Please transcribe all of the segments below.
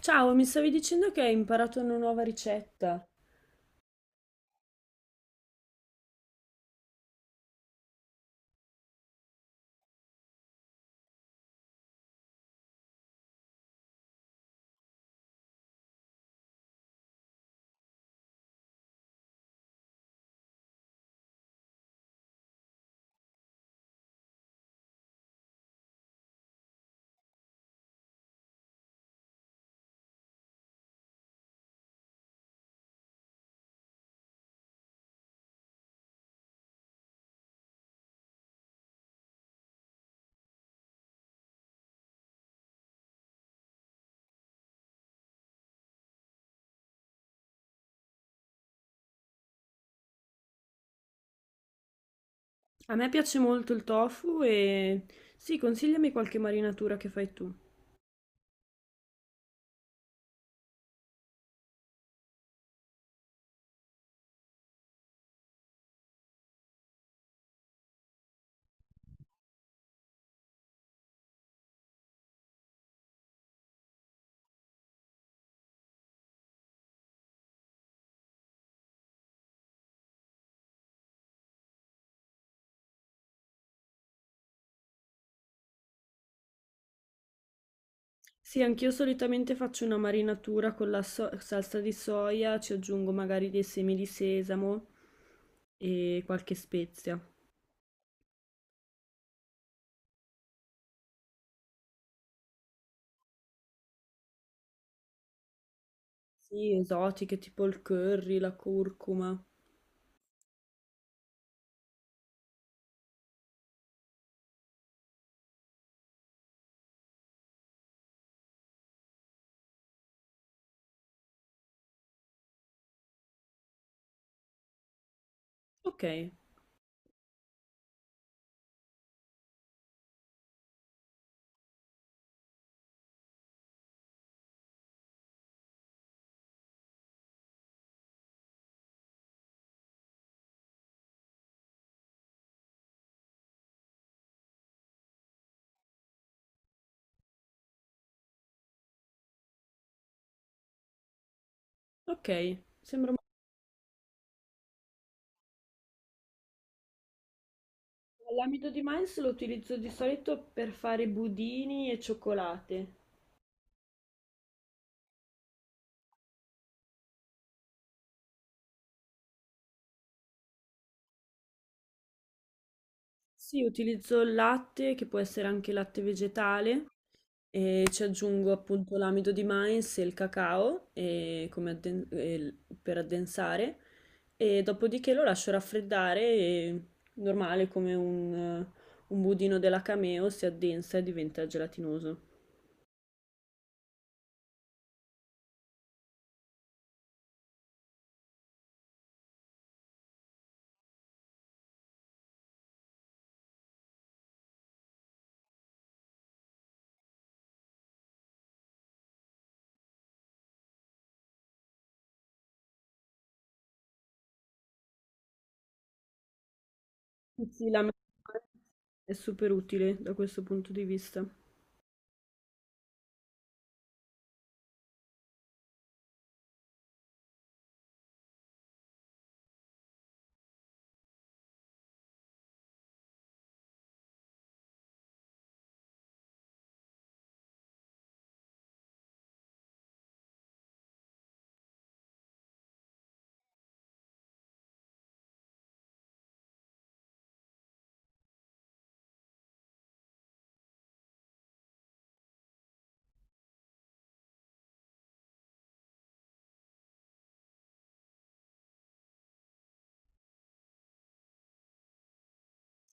Ciao, mi stavi dicendo che hai imparato una nuova ricetta. A me piace molto il tofu e sì, consigliami qualche marinatura che fai tu. Sì, anch'io solitamente faccio una marinatura con la salsa di soia, ci aggiungo magari dei semi di sesamo e qualche spezia. Sì, esotiche tipo il curry, la curcuma. Ok, ok, sembra molto. L'amido di mais lo utilizzo di solito per fare budini e cioccolate. Sì, utilizzo il latte, che può essere anche latte vegetale, e ci aggiungo appunto l'amido di mais e il cacao e come adden- e il- per addensare, e dopodiché lo lascio raffreddare, e, normale come un budino della Cameo, si addensa e diventa gelatinoso. Sì, sì, la memoria è super utile da questo punto di vista.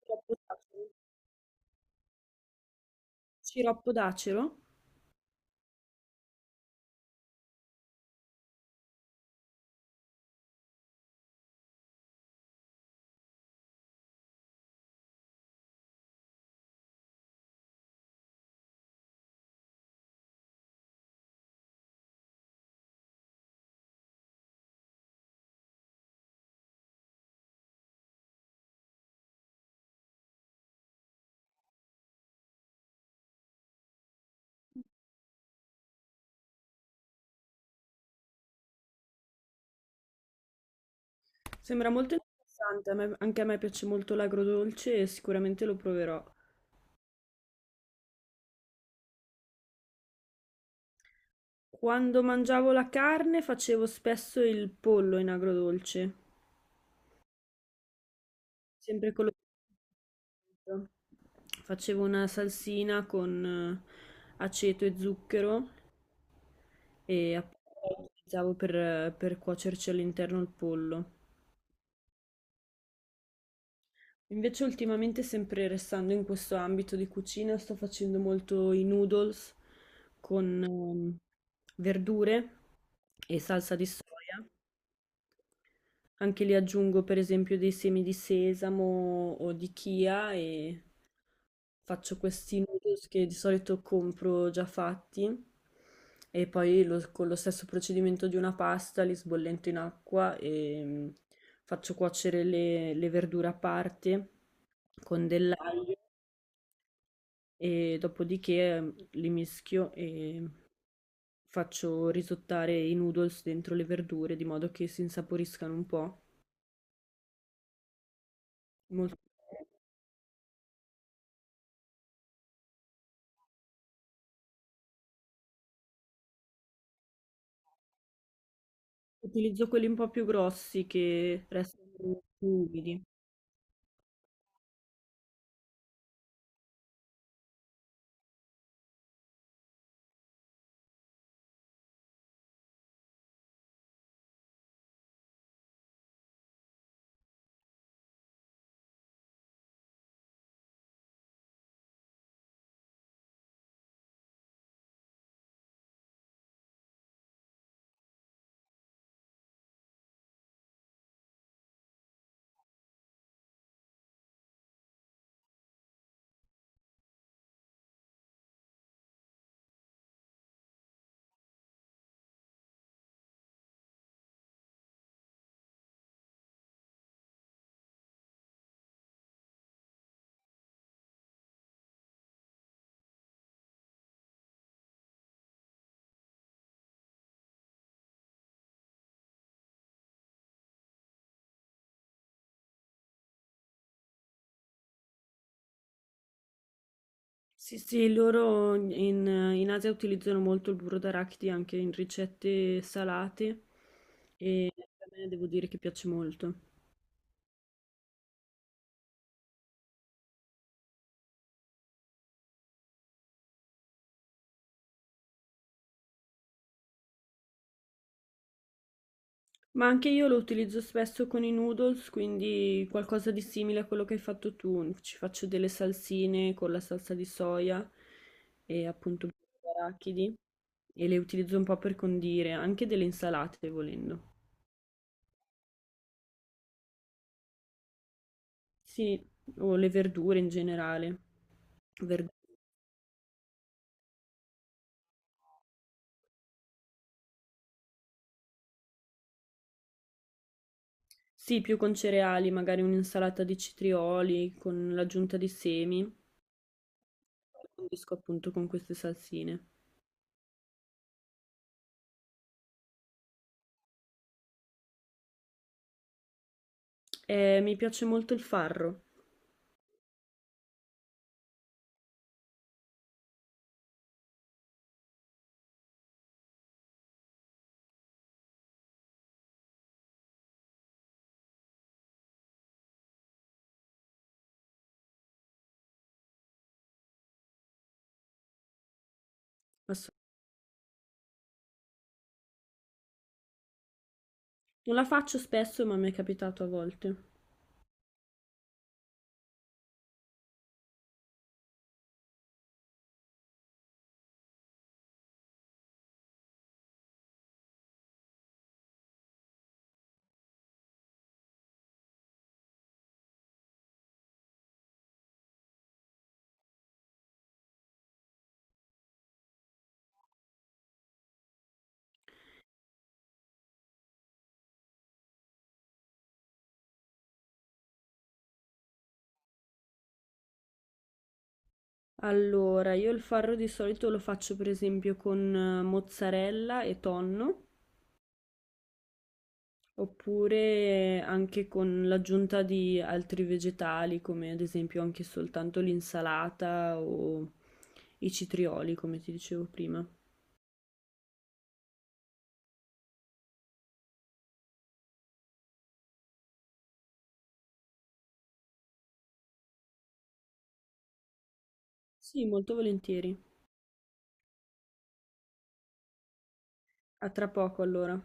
Sciroppo d'acero. Sciroppo d'acero? Sembra molto interessante, anche a me piace molto l'agrodolce e sicuramente lo proverò. Quando mangiavo la carne facevo spesso il pollo in agrodolce, sempre con lo stesso. Facevo una salsina con aceto e zucchero e appunto la utilizzavo per cuocerci all'interno il pollo. Invece ultimamente, sempre restando in questo ambito di cucina, sto facendo molto i noodles con verdure e salsa di soia. Anche lì aggiungo per esempio dei semi di sesamo o di chia e faccio questi noodles che di solito compro già fatti e poi con lo stesso procedimento di una pasta li sbollento in acqua e faccio cuocere le verdure a parte con dell'aglio. E dopodiché, li mischio e faccio risottare i noodles dentro le verdure di modo che si insaporiscano un po'. Molto utilizzo quelli un po' più grossi che restano più umidi. Sì, sì, loro in Asia utilizzano molto il burro d'arachidi anche in ricette salate e a me devo dire che piace molto. Ma anche io lo utilizzo spesso con i noodles, quindi qualcosa di simile a quello che hai fatto tu. Ci faccio delle salsine con la salsa di soia e appunto arachidi e le utilizzo un po' per condire, anche delle insalate volendo. Sì, o le verdure in generale. Verd- Sì, più con cereali, magari un'insalata di citrioli con l'aggiunta di semi. Condisco appunto con queste salsine. Mi piace molto il farro, assolutamente. Non la faccio spesso, ma mi è capitato a volte. Allora, io il farro di solito lo faccio per esempio con mozzarella e tonno, oppure anche con l'aggiunta di altri vegetali, come ad esempio anche soltanto l'insalata o i citrioli, come ti dicevo prima. Sì, molto volentieri. A tra poco allora.